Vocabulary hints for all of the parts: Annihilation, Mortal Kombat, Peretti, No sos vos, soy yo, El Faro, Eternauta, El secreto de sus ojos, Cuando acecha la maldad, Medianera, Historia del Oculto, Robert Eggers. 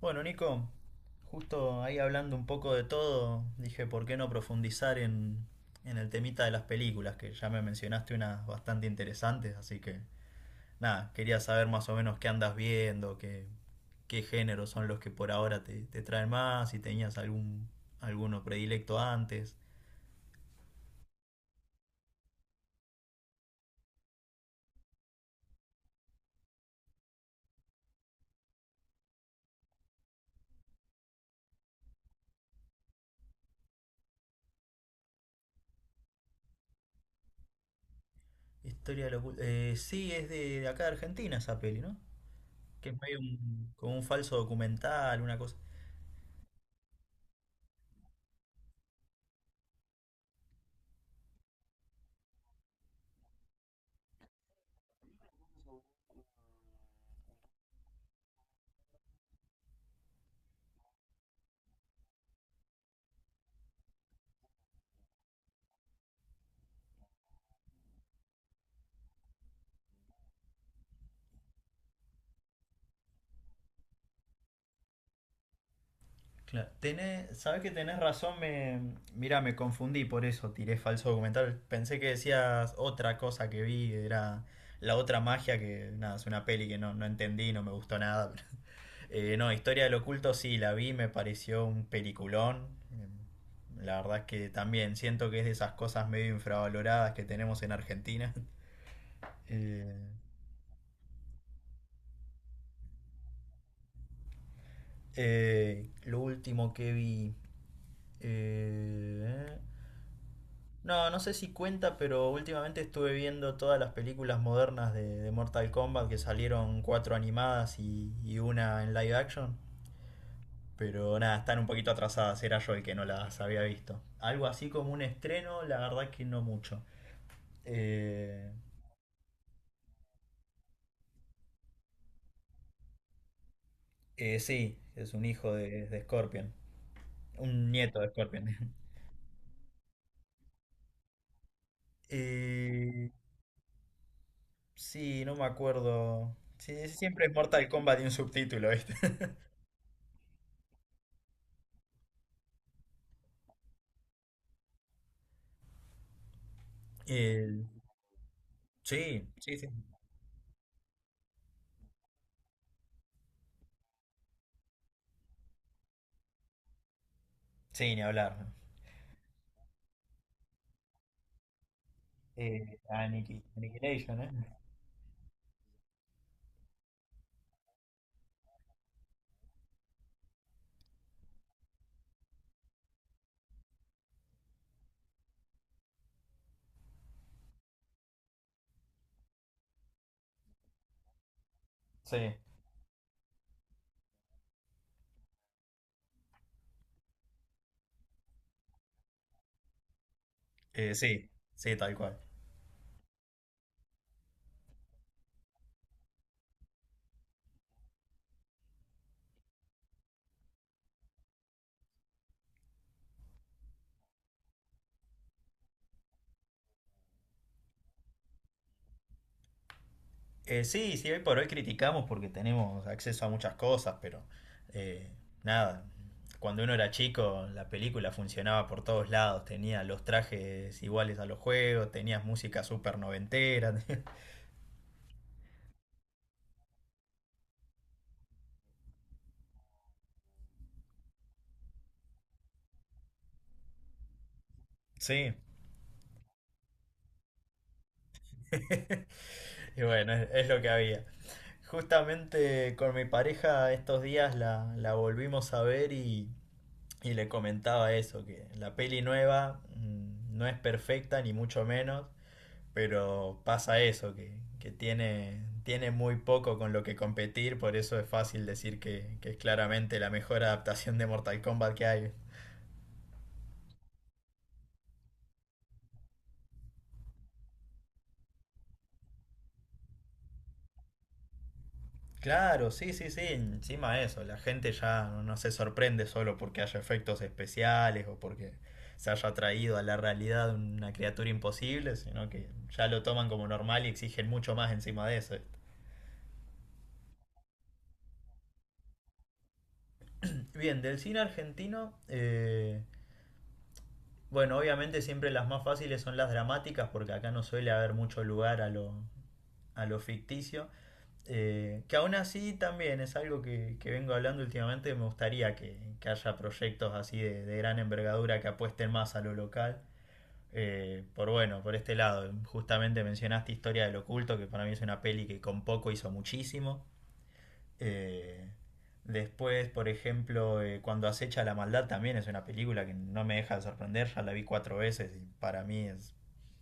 Bueno, Nico, justo ahí hablando un poco de todo, dije, ¿por qué no profundizar en el temita de las películas? Que ya me mencionaste unas bastante interesantes, así que nada, quería saber más o menos qué andas viendo, qué géneros son los que por ahora te traen más, si tenías algún alguno predilecto antes. Historia de la sí, es de acá de Argentina esa peli, ¿no? Que es medio como un falso documental, una cosa. Claro. Sabes que tenés razón, mira, me confundí, por eso tiré falso documental. Pensé que decías otra cosa que vi, que era la otra magia, que nada, es una peli que no entendí, no me gustó nada. No, Historia del Oculto sí, la vi, me pareció un peliculón. Eh, La verdad es que también siento que es de esas cosas medio infravaloradas que tenemos en Argentina. Eh, lo último que vi... eh, No, no sé si cuenta, pero últimamente estuve viendo todas las películas modernas de Mortal Kombat que salieron cuatro animadas y una en live action. Pero nada, están un poquito atrasadas, era yo el que no las había visto. Algo así como un estreno, la verdad que no mucho. Eh, sí, es un hijo de Scorpion, un nieto de Scorpion. Eh, sí, no me acuerdo. Sí, siempre es Mortal Kombat y un subtítulo, ¿viste? Eh, sí, sí, sí. Sí, ni hablar. Annihilation, ¿eh? Sí, sí, sí, tal cual. Sí, sí, hoy por hoy criticamos porque tenemos acceso a muchas cosas, pero eh, nada, cuando uno era chico la película funcionaba por todos lados, tenía los trajes iguales a los juegos, tenías música súper noventera. Sí. Y bueno, es lo que había. Justamente con mi pareja estos días la volvimos a ver y le comentaba eso, que la peli nueva mm, no es perfecta ni mucho menos, pero pasa eso, que tiene muy poco con lo que competir, por eso es fácil decir que es claramente la mejor adaptación de Mortal Kombat que hay. Claro, sí, sí, sí, encima eso, la gente ya no se sorprende solo porque haya efectos especiales o porque se haya traído a la realidad una criatura imposible, sino que ya lo toman como normal y exigen mucho más encima de eso. Bien, del cine argentino, bueno, obviamente siempre las más fáciles son las dramáticas porque acá no suele haber mucho lugar a a lo ficticio. Que aún así también es algo que vengo hablando últimamente, me gustaría que haya proyectos así de gran envergadura que apuesten más a lo local. Por este lado, justamente mencionaste Historia del Oculto, que para mí es una peli que con poco hizo muchísimo. Eh, después, por ejemplo, cuando acecha la maldad también es una película que no me deja de sorprender, ya la vi cuatro veces y para mí es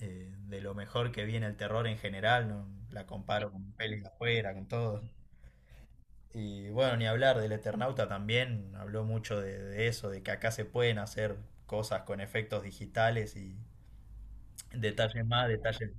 de lo mejor que viene el terror en general, no la comparo con pelis de afuera, con todo. Y bueno, ni hablar del Eternauta también, habló mucho de eso, de que acá se pueden hacer cosas con efectos digitales y detalles más, detalles.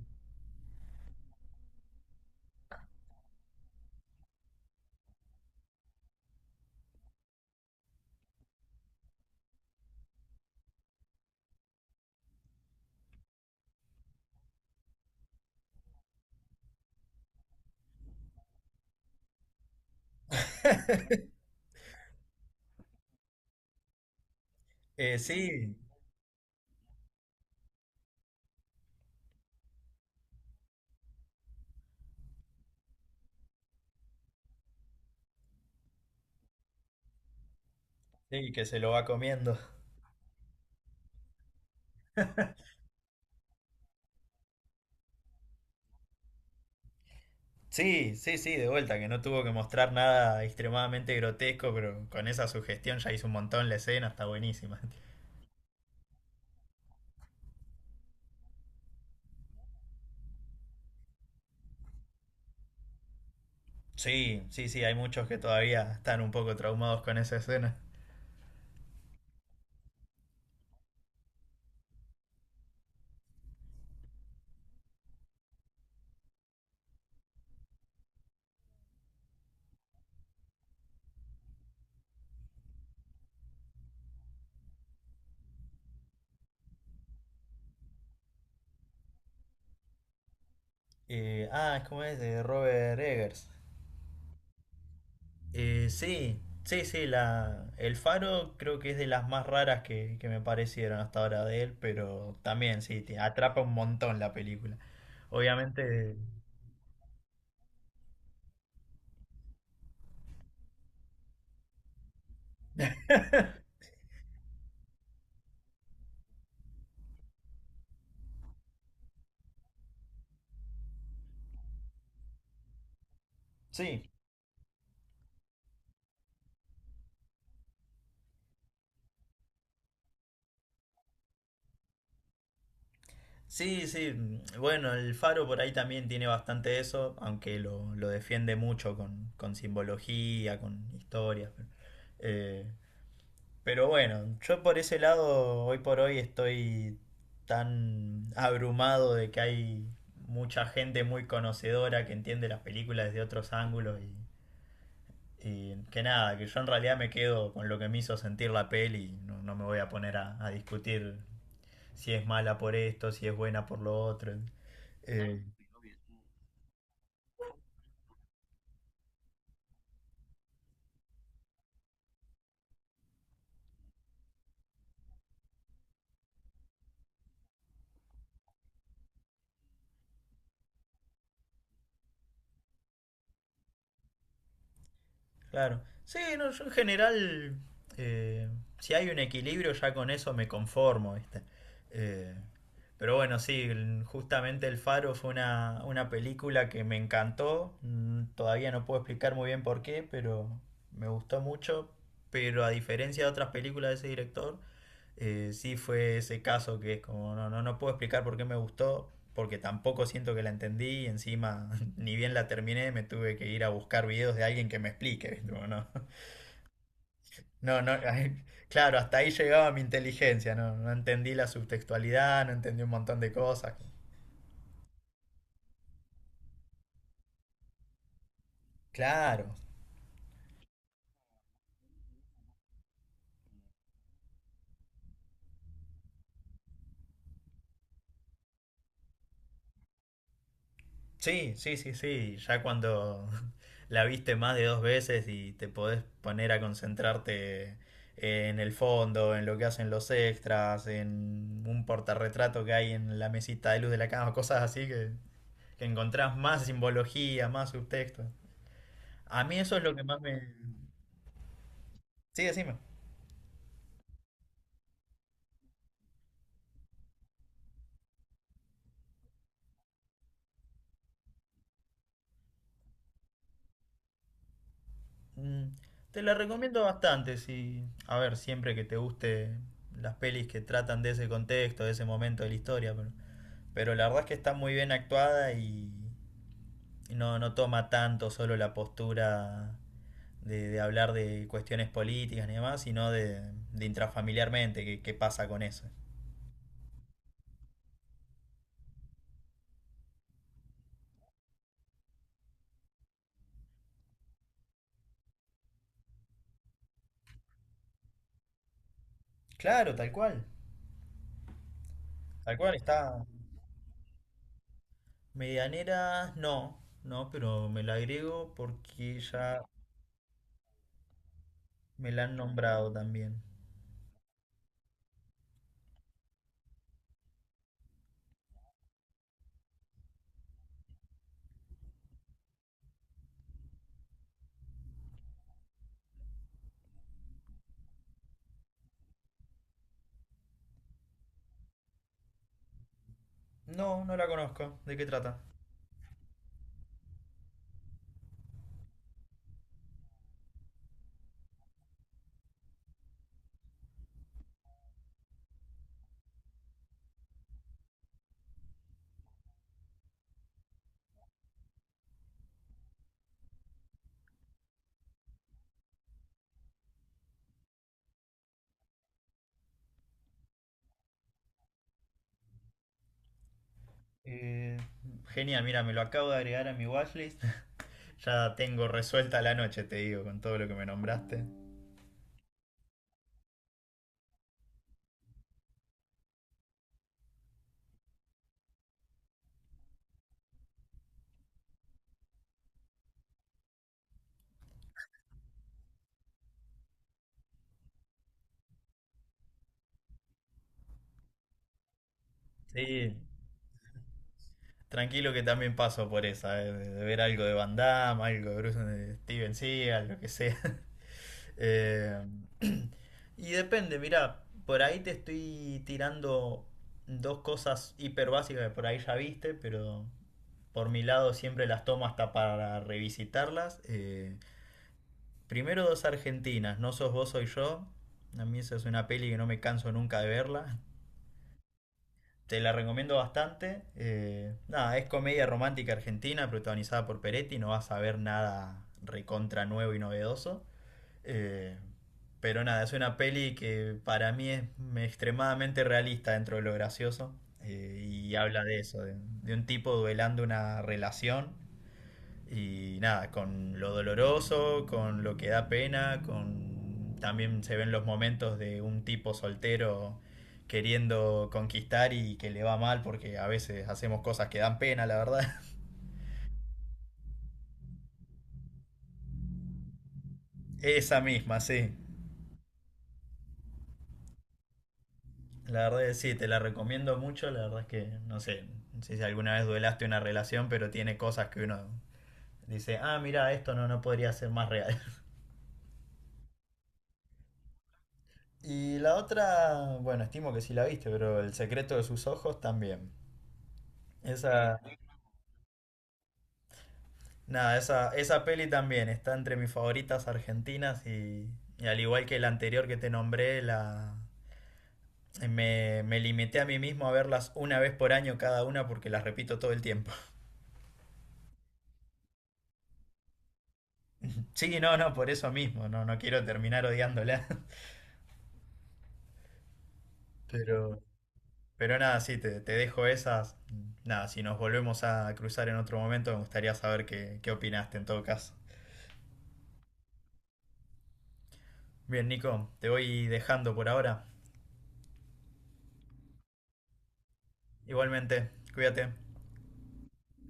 Sí, sí, que se lo va comiendo. Sí, sí, sí, de vuelta, que no tuvo que mostrar nada extremadamente grotesco, pero con esa sugestión ya hizo un montón la escena, está buenísima. Sí, sí, sí, hay muchos que todavía están un poco traumados con esa escena. Es como es de Robert Eggers. Sí, sí, sí, el Faro creo que es de las más raras que me parecieron hasta ahora de él, pero también sí, te atrapa un montón la película. Obviamente, sí, sí, sí, mm, bueno, el Faro por ahí también tiene bastante de eso, aunque lo defiende mucho con simbología, con historias. Eh, Pero bueno, yo por ese lado, hoy por hoy estoy tan abrumado de que hay mucha gente muy conocedora que entiende las películas desde otros ángulos y que nada, que yo en realidad me quedo con lo que me hizo sentir la peli, no me voy a poner a discutir si es mala por esto, si es buena por lo otro. Eh, Claro. Sí, no, yo en general, eh, si hay un equilibrio, ya con eso me conformo, ¿viste? Eh, pero bueno, sí, justamente El Faro fue una película que me encantó. Mm, todavía no puedo explicar muy bien por qué, pero me gustó mucho. Pero a diferencia de otras películas de ese director, sí fue ese caso que es como, no puedo explicar por qué me gustó, porque tampoco siento que la entendí y encima ni bien la terminé me tuve que ir a buscar videos de alguien que me explique, ¿viste? Como, no, no, no, claro, hasta ahí llegaba mi inteligencia, no entendí la subtextualidad, no entendí un montón de cosas. Claro, sí, sí, sí, sí. Ya cuando la viste más de dos veces y te podés poner a concentrarte en el fondo, en lo que hacen los extras, en un portarretrato que hay en la mesita de luz de la cama, cosas así que encontrás más simbología, más subtexto. A mí eso es lo que más me... Sí, decime. Mm, te la recomiendo bastante, sí. A ver, siempre que te guste las pelis que tratan de ese contexto, de ese momento de la historia, pero... Pero la verdad es que está muy bien actuada y no toma tanto solo la postura de hablar de cuestiones políticas y demás, sino de intrafamiliarmente, qué qué pasa con eso. Claro, tal cual. Tal cual, está. Medianera, no, no, pero me la agrego porque ya me la han nombrado también. No, no la conozco. ¿De qué trata? Eh, genial, mira, me lo acabo de agregar a mi watchlist. Ya tengo resuelta la noche, te digo, con todo lo que me nombraste. Sí, tranquilo que también paso por esa, de ver algo de Van Damme, algo de Bruce, de Steven Seagal, lo que sea. Eh, y depende, mira, por ahí te estoy tirando dos cosas hiper básicas que por ahí ya viste, pero por mi lado siempre las tomo hasta para revisitarlas. Primero dos argentinas, No sos vos, soy yo. A mí esa es una peli que no me canso nunca de verla. Te la recomiendo bastante. Nada, es comedia romántica argentina protagonizada por Peretti. No vas a ver nada recontra nuevo y novedoso. Eh, pero nada, es una peli que para mí es extremadamente realista dentro de lo gracioso. Y habla de eso, de un tipo duelando una relación y nada, con lo doloroso, con lo que da pena, con también se ven los momentos de un tipo soltero queriendo conquistar y que le va mal porque a veces hacemos cosas que dan pena, la verdad. Esa misma, sí. La verdad es que sí, te la recomiendo mucho, la verdad es que no sé, no sé si alguna vez duelaste una relación, pero tiene cosas que uno dice, ah, mira, esto no, no podría ser más real. Y la otra, bueno, estimo que sí la viste, pero El secreto de sus ojos también. Esa... Nada, esa peli también está entre mis favoritas argentinas y al igual que la anterior que te nombré, me limité a mí mismo a verlas una vez por año cada una porque las repito todo el tiempo. Sí, no, no, por eso mismo, no quiero terminar odiándola. Pero, pero nada, sí, te dejo esas. Nada, si nos volvemos a cruzar en otro momento, me gustaría saber qué opinaste en todo caso. Bien, Nico, te voy dejando por ahora. Igualmente, cuídate.